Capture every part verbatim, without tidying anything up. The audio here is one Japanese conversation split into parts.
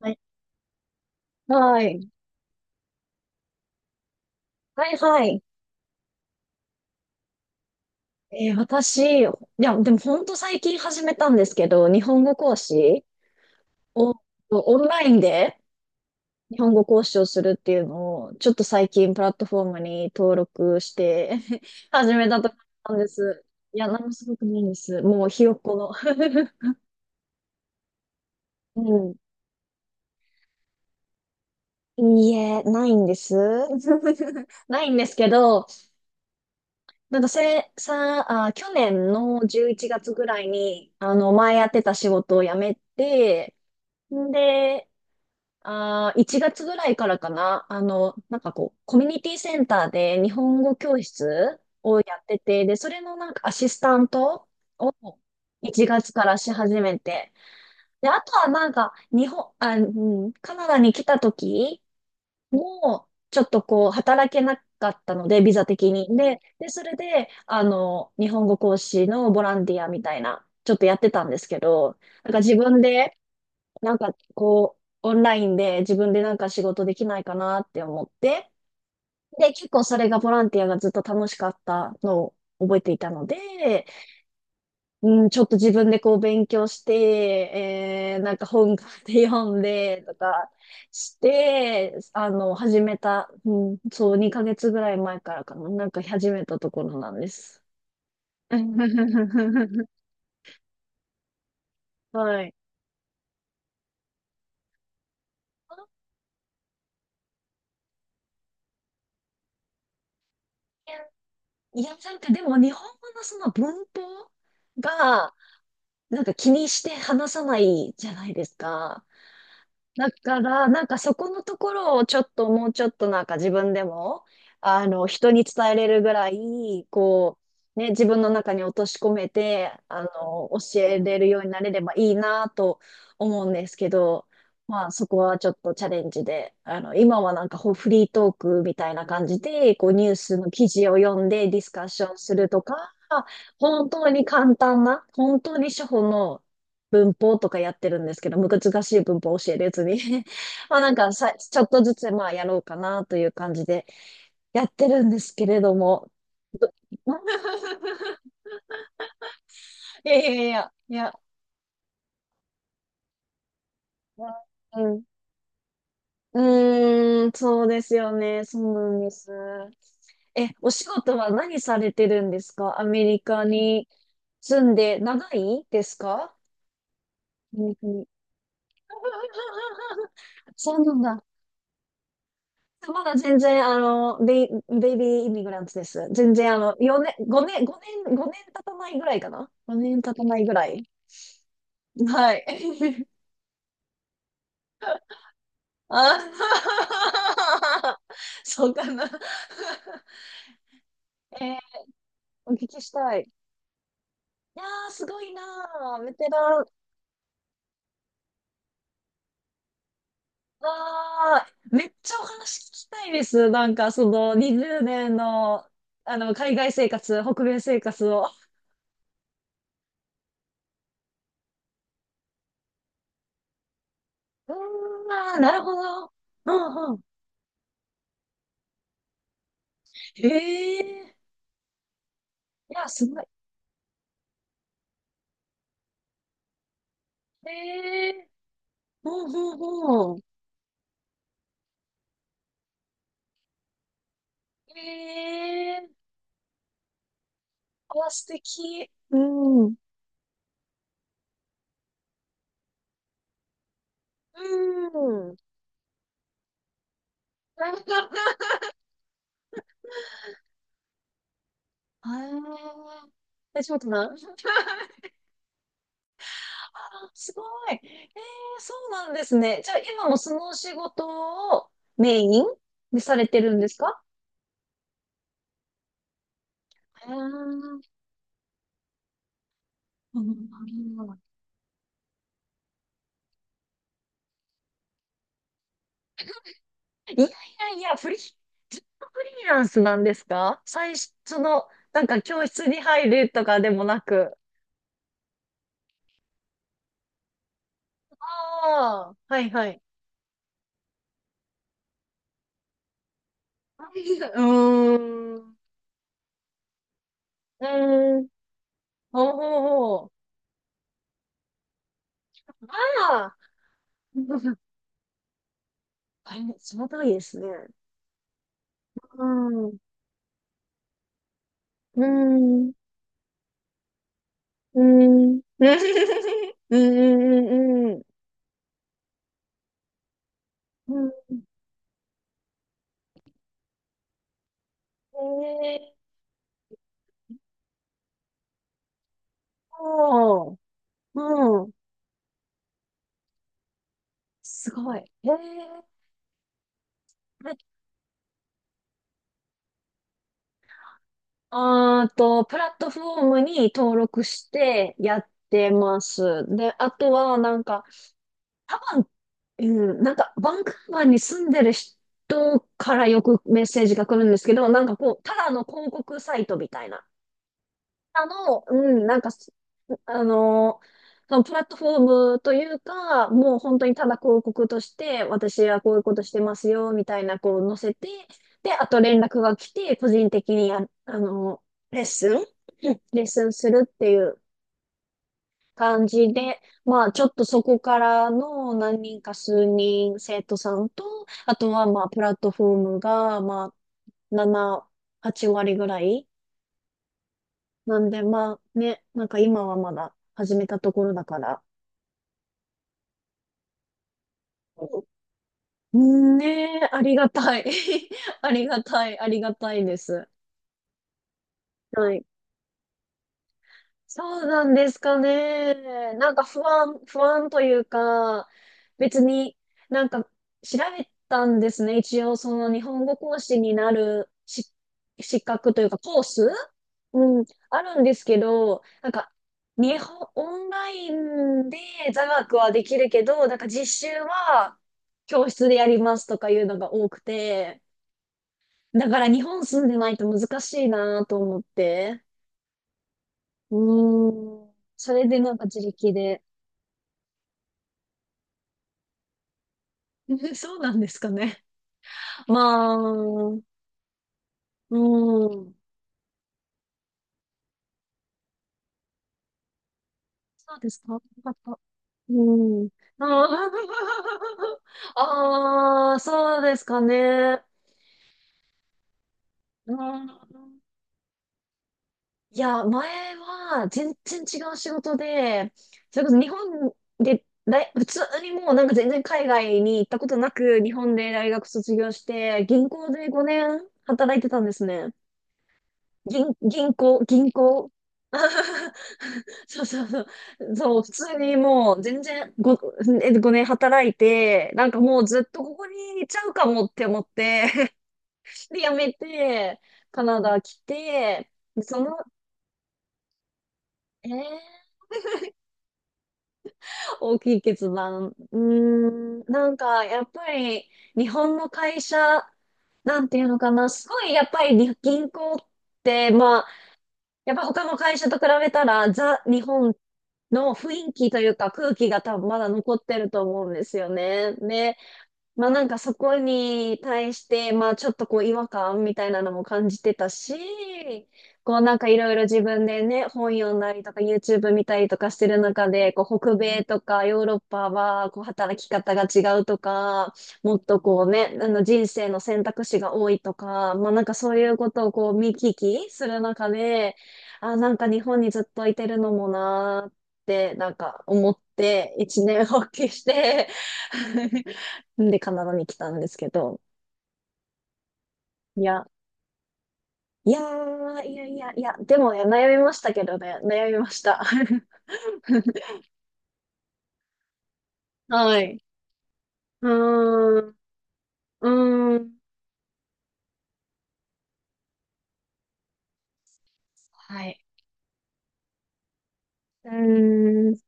はい。はい。はいはい。えー私、いや、でも本当最近始めたんですけど、日本語講師を、オンラインで日本語講師をするっていうのを、ちょっと最近プラットフォームに登録して 始めたところなんです。いや、何もすごくないんです。もうひよっこの うん。いいえ、ないんです。ないんですけど、なんかせ、さ、あ、去年のじゅういちがつぐらいに、あの、前やってた仕事を辞めて、んで、あ、いちがつぐらいからかな、あの、なんかこう、コミュニティセンターで日本語教室をやってて、で、それのなんかアシスタントをいちがつからし始めて、で、あとはなんか、日本、あ、うん、カナダに来た時もう、ちょっとこう、働けなかったので、ビザ的に。で、で、それで、あの、日本語講師のボランティアみたいな、ちょっとやってたんですけど、なんか自分で、なんかこう、オンラインで自分でなんか仕事できないかなって思って、で、結構それがボランティアがずっと楽しかったのを覚えていたので、うん、ちょっと自分でこう勉強して、えー、なんか本買って読んでとかして、あの、始めた、うん、そう、にかげつぐらい前からかな、なんか始めたところなんです。はい。いや、なんかでも日本語のその文法が、なんか気にして話さないじゃないですか。だから、なんかそこのところをちょっともうちょっとなんか自分でも、あの、人に伝えれるぐらい、こう、ね、自分の中に落とし込めて、あの、教えれるようになれればいいなと思うんですけど、まあそこはちょっとチャレンジで、あの、今はなんかほフリートークみたいな感じで、こうニュースの記事を読んでディスカッションするとか、本当に簡単な、本当に初歩の文法とかやってるんですけど、難しい文法教えるやつに まあなんかさ、ちょっとずつまあやろうかなという感じでやってるんですけれども。いやいやいや、いや、うん。うーん、そうですよね。そうなんです。え、お仕事は何されてるんですか？アメリカに住んで長いですか？アメリカに そうなんだ。まだ全然、あの、ベイ、ベイビーイミグランツです。全然、あの、よねん、ごねん、ごねん、ごねん経たないぐらいかな？ ご 年経たないぐらい。はい。あ そうかな。えーお聞きしたい。いやー、すごいなー。ベテラン。あー、めっちゃお話聞きたいです。なんか、その、にじゅうねんの、あの、海外生活、北米生活を。うーん、あーなるほど。うんうん。えー。いや、すごい。ええー。ほうんうんうん。ええー。あ、素敵。うん。うん。ああ。え、ちょっと待ってな。あ、すごい。ええ、そうなんですね。じゃあ、今もそのお仕事をメインでされてるんですか？えー。うん、いやいやいや、フリー、ずっとフリーランスなんですか？最初、その、なんか教室に入るとかでもなく。ああ、はいはい。うーん。うーん、ほうほうほう。まあ、あれ、その通りですね。うん、うーん、うーん、うん、うん、うん、うん、うんええー、おー、うん、すごい。ええー、あーと、プラットフォームに登録してやってます。で、あとは、なんか、多うん、なんか、バンクーバーに住んでる人からよくメッセージが来るんですけど、なんかこう、ただの広告サイトみたいな。あの、うん、なんかす、あの、そのプラットフォームというか、もう本当にただ広告として、私はこういうことしてますよ、みたいな、こう載せて、で、あと連絡が来て、個人的にや、あの、レッスン、うん、レッスンするっていう感じで、まあちょっとそこからの何人か数人生徒さんと、あとはまあプラットフォームがまあなな、はち割ぐらい。なんでまあね、なんか今はまだ始めたところだから。うんねえ、ありがたい。ありがたい、ありがたいです。はい。そうなんですかね。なんか不安、不安というか、別になんか調べたんですね。一応その日本語講師になるし資格というかコース、うん、あるんですけど、なんか日本、オンラインで座学はできるけど、なんか実習は教室でやりますとかいうのが多くて、だから日本住んでないと難しいなと思って。うーん。それでなんか自力で。そうなんですかね。まあ、うん。そうですか。よかった。うん。あー あー、あそうですかね。うん。いや、前は全然違う仕事で、それこそ日本で大、普通にもうなんか全然海外に行ったことなく、日本で大学卒業して、銀行でごねん働いてたんですね。銀、銀行、銀行。そうそうそう。そう、普通にもう全然ご、えごねん働いて、なんかもうずっとここにいちゃうかもって思って、で、辞めて、カナダ来て、でその、えー、大きい決断。うーん、なんかやっぱり日本の会社、なんていうのかな、すごいやっぱりに銀行って、まあ、やっぱ他の会社と比べたら、ザ・日本の雰囲気というか空気が多分まだ残ってると思うんですよね。ね、まあなんかそこに対して、まあちょっとこう違和感みたいなのも感じてたし、こうなんかいろいろ自分でね、本読んだりとか YouTube 見たりとかしてる中で、こう北米とかヨーロッパはこう働き方が違うとか、もっとこうね、あの人生の選択肢が多いとか、まあなんかそういうことをこう見聞きする中で、あ、なんか日本にずっといてるのもなーってなんか思って一年発起して んでカナダに来たんですけど、いや、いやー、いやいやいや、でもね、悩みましたけどね、悩みました。はい。うーん、うーん、はい。うーん、う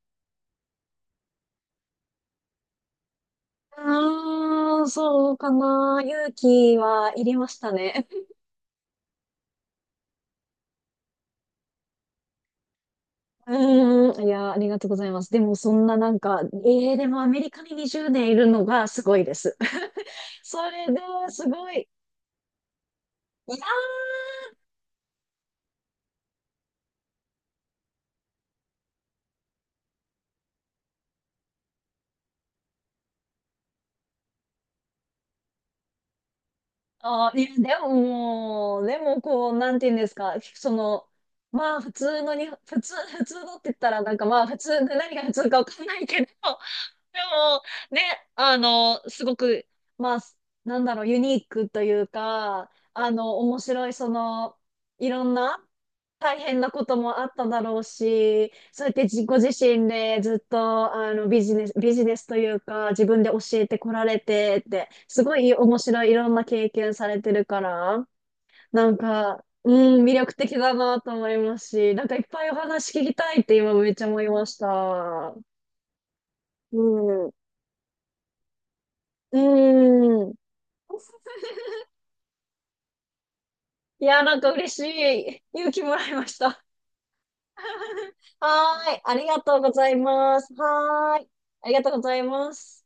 ーん、そうかな。勇気はいりましたね。うーん、いや、ありがとうございます。でも、そんななんか、えー、でもアメリカににじゅうねんいるのがすごいです。それですごい。いやーああ、いや、でも、でも、こう、なんて言うんですか、その、まあ、普通のに、普通、普通のって言ったら、なんかまあ、普通、何が普通かわかんないけど、でも、ね、あの、すごく、まあ、なんだろう、ユニークというか、あの、面白い、その、いろんな、大変なこともあっただろうし、そうやって自己自身でずっとあのビジネス、ビジネスというか自分で教えてこられてって、すごい面白いいろんな経験されてるから、なんか、うん、魅力的だなと思いますし、なんかいっぱいお話聞きたいって今めっちゃ思いました。うん。うん。いや、なんか嬉しい。勇気もらいました。はーい。ありがとうございます。はーい。ありがとうございます。